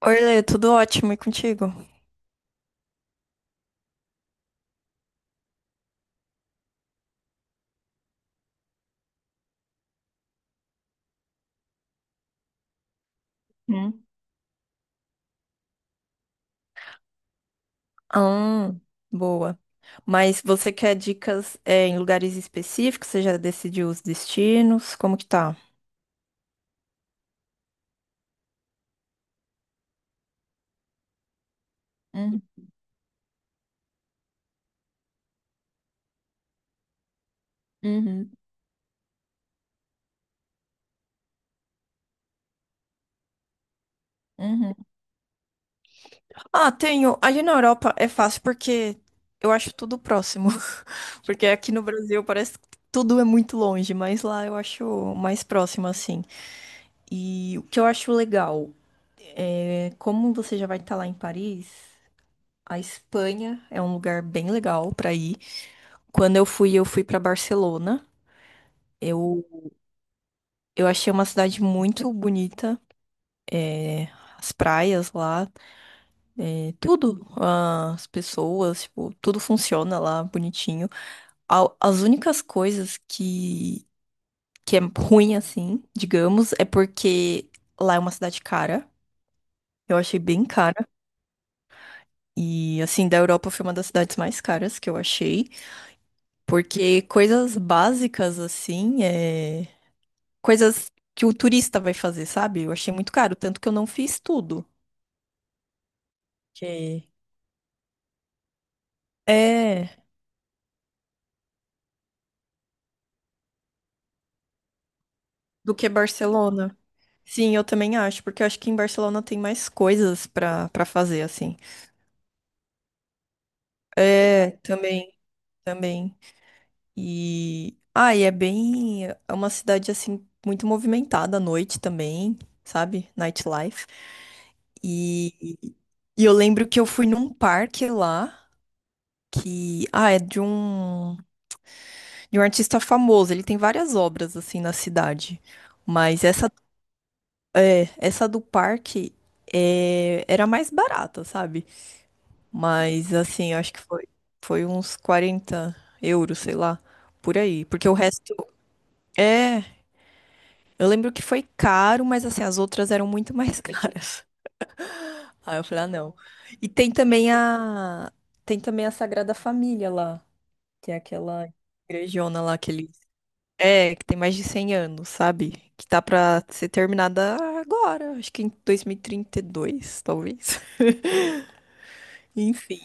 Oi, Lê, tudo ótimo e contigo? Hum. Ah, boa. Mas você quer dicas, em lugares específicos? Você já decidiu os destinos? Como que tá? Uhum, uhum, uhum. Ah, tenho. Ali na Europa é fácil porque eu acho tudo próximo. Porque aqui no Brasil parece que tudo é muito longe, mas lá eu acho mais próximo, assim. E o que eu acho legal é como você já vai estar lá em Paris, a Espanha é um lugar bem legal pra ir. Quando eu fui para Barcelona. Eu, eu achei uma cidade muito bonita. é, As praias lá, tudo, ah, as pessoas, tipo, tudo funciona lá bonitinho. As únicas coisas que é ruim, assim, digamos, é porque lá é uma cidade cara. Eu achei bem cara. E, assim, da Europa foi uma das cidades mais caras que eu achei. Porque coisas básicas, assim, coisas que o turista vai fazer, sabe? Eu achei muito caro, tanto que eu não fiz tudo. Que É, do que Barcelona. Sim, eu também acho, porque eu acho que em Barcelona tem mais coisas pra para fazer assim. É, também, também. E e é bem, é uma cidade assim muito movimentada à noite também, sabe? Nightlife. E e eu lembro que eu fui num parque lá que é de De um artista famoso, ele tem várias obras assim na cidade, mas essa essa do parque era mais barata, sabe? Mas assim, eu acho que foi uns 40 euros, sei lá, por aí, porque o resto é, eu lembro que foi caro, mas assim as outras eram muito mais caras. Aí eu falei, ah, não. E tem também a Tem também a Sagrada Família lá, que é aquela igrejona lá que eles é, que tem mais de 100 anos, sabe? Que tá pra ser terminada agora, acho que em 2032, talvez. Enfim.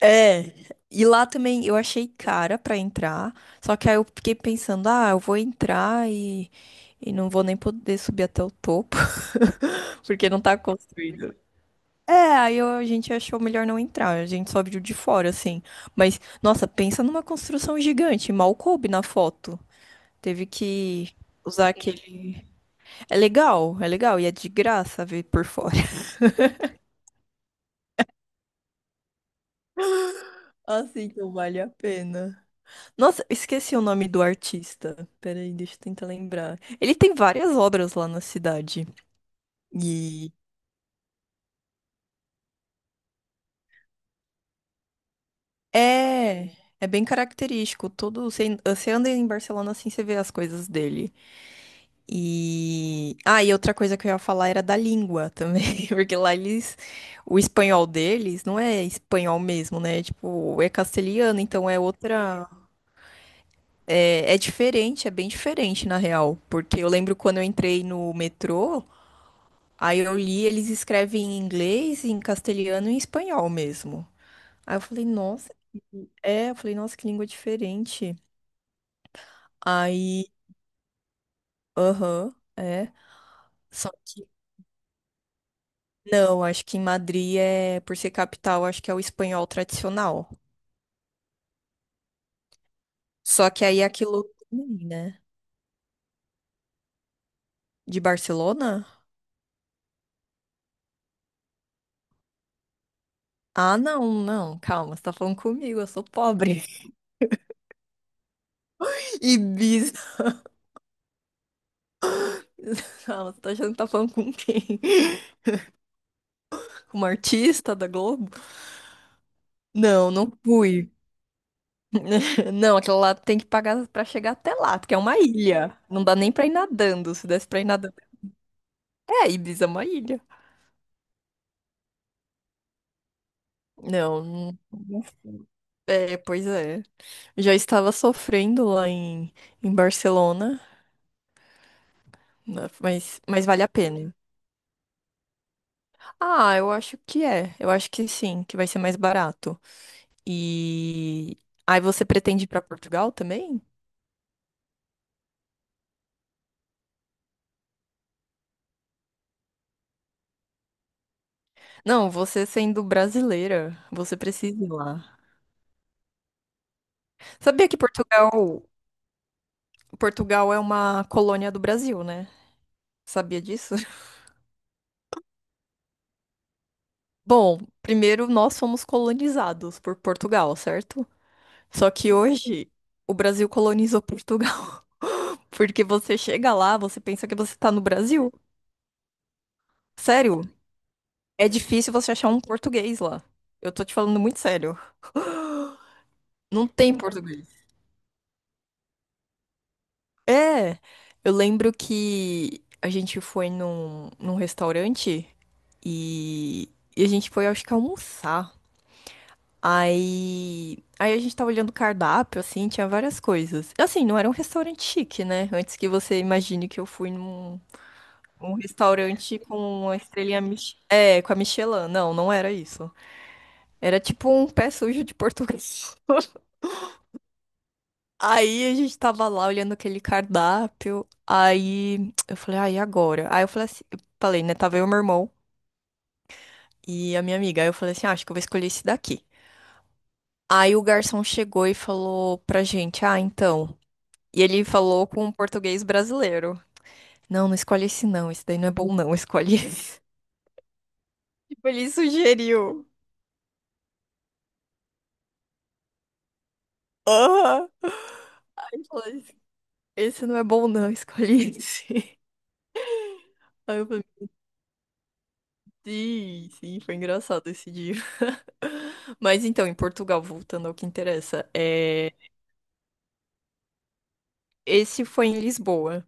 É. E lá também eu achei cara pra entrar, só que aí eu fiquei pensando, ah, eu vou entrar e não vou nem poder subir até o topo, porque não tá construído. É, a gente achou melhor não entrar, a gente só viu de fora, assim. Mas, nossa, pensa numa construção gigante, mal coube na foto. Teve que usar aquele. É legal, é legal. E é de graça ver por fora. Assim, então vale a pena. Nossa, esqueci o nome do artista. Peraí, deixa eu tentar lembrar. Ele tem várias obras lá na cidade. E É, é bem característico. Todo, você anda em Barcelona assim, você vê as coisas dele. Ah, e outra coisa que eu ia falar era da língua também, porque lá eles. O espanhol deles não é espanhol mesmo, né? Tipo, é castelhano, então é outra. É, é diferente, é bem diferente na real. Porque eu lembro quando eu entrei no metrô, aí eu li, eles escrevem em inglês, em castelhano e em espanhol mesmo. Aí eu falei, nossa, eu falei, nossa, que língua diferente. Aí, aham, é. Só que Não, acho que em Madrid por ser capital, acho que é o espanhol tradicional. Só que aí é aquilo, também, né? De Barcelona? Ah, não, não, calma, você tá falando comigo, eu sou pobre. Ibiza. Calma, você tá achando que tá falando com quem? Com uma artista da Globo? Não, não fui. Não, aquela lá tem que pagar pra chegar até lá, porque é uma ilha. Não dá nem pra ir nadando, se desse pra ir nadando. É, Ibiza é uma ilha. Não, não. Não fui. É, pois é. Já estava sofrendo lá em, em Barcelona, né, mas vale a pena. Ah, eu acho que é. Eu acho que sim, que vai ser mais barato. E aí você pretende ir para Portugal também? Não, você sendo brasileira, você precisa ir lá. Sabia que Portugal é uma colônia do Brasil, né? Sabia disso? Bom, primeiro nós fomos colonizados por Portugal, certo? Só que hoje o Brasil colonizou Portugal. Porque você chega lá, você pensa que você tá no Brasil. Sério, é difícil você achar um português lá. Eu tô te falando muito sério. Não tem português. É, eu lembro que a gente foi num restaurante e, e a gente foi, acho que, almoçar. Aí a gente tava olhando o cardápio, assim, tinha várias coisas. Assim, não era um restaurante chique, né? Antes que você imagine que eu fui num, um restaurante com uma estrelinha Mich... É, com a Michelin. Não, não era isso. Era tipo um pé sujo de português. Aí a gente tava lá olhando aquele cardápio. Aí eu falei, ah, e agora? Aí eu falei assim, eu falei, né? Tava eu, meu irmão e a minha amiga. Aí eu falei assim, ah, acho que eu vou escolher esse daqui. Aí o garçom chegou e falou pra gente, ah, então. E ele falou com um português brasileiro. Não, não escolhe esse não. Esse daí não é bom, não. Escolhe esse. Tipo, ele sugeriu. Aham. Esse não é bom, não, escolhi esse. Aí eu falei, sim, sim, foi engraçado esse dia. Mas então, em Portugal, voltando ao que interessa, é... Esse foi em Lisboa,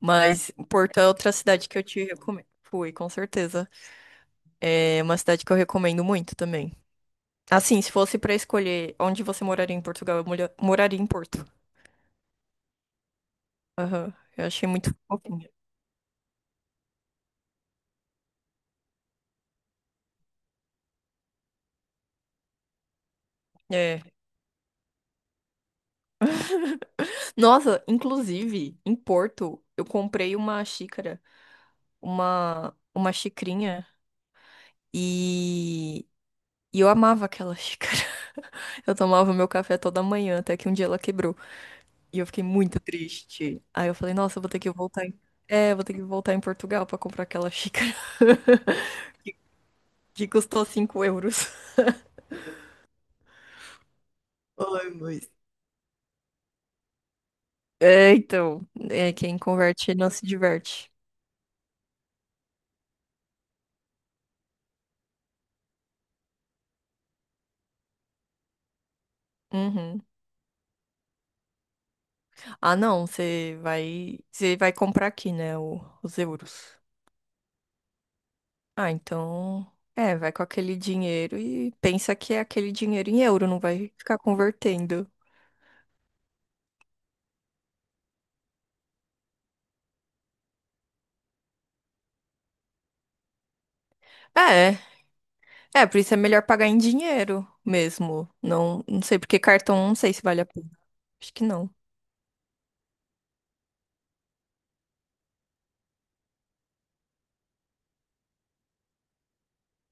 mas Porto é outra cidade que eu te recomendo. Fui, com certeza. É uma cidade que eu recomendo muito também. Assim, se fosse pra escolher onde você moraria em Portugal, moraria em Porto. Aham, eu achei muito fofinho. É. Nossa, inclusive, em Porto, eu comprei uma xícara. Uma xicrinha e, e eu amava aquela xícara. Eu tomava meu café toda manhã, até que um dia ela quebrou. E eu fiquei muito triste. Aí eu falei, nossa, eu vou ter que voltar em... É, eu vou ter que voltar em Portugal pra comprar aquela xícara que custou 5 euros. Ai, mas... É, então, é, quem converte não se diverte. Uhum. Ah, não, você vai comprar aqui, né, os euros. Ah, então. É, vai com aquele dinheiro e pensa que é aquele dinheiro em euro, não vai ficar convertendo. É, é, por isso é melhor pagar em dinheiro mesmo. Não, não sei, porque cartão não sei se vale a pena. Acho que não.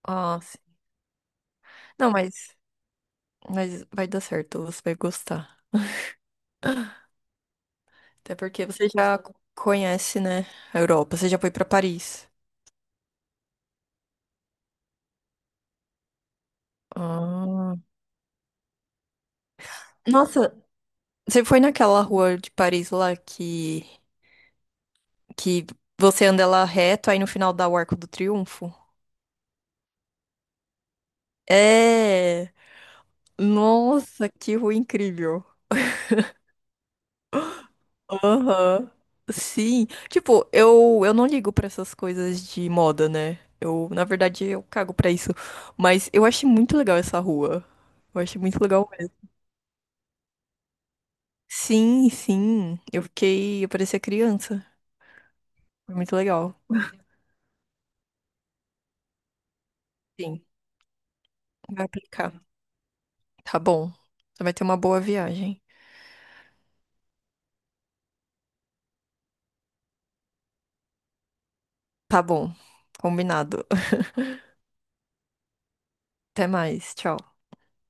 Ah, sim. Não, mas vai dar certo, você vai gostar. Até porque você já conhece, né, a Europa, você já foi pra Paris. Ah. Nossa, você foi naquela rua de Paris lá que você anda lá reto, aí no final dá o Arco do Triunfo? É. Nossa, que rua incrível. Aham. Sim. Tipo, eu não ligo pra essas coisas de moda, né? Eu, na verdade, eu cago pra isso. Mas eu achei muito legal essa rua. Eu achei muito legal mesmo. Sim, sim. Eu fiquei. Eu parecia criança. Foi muito legal. Sim. Vai aplicar. Tá bom. Você vai ter uma boa viagem. Tá bom. Combinado. Até mais. Tchau.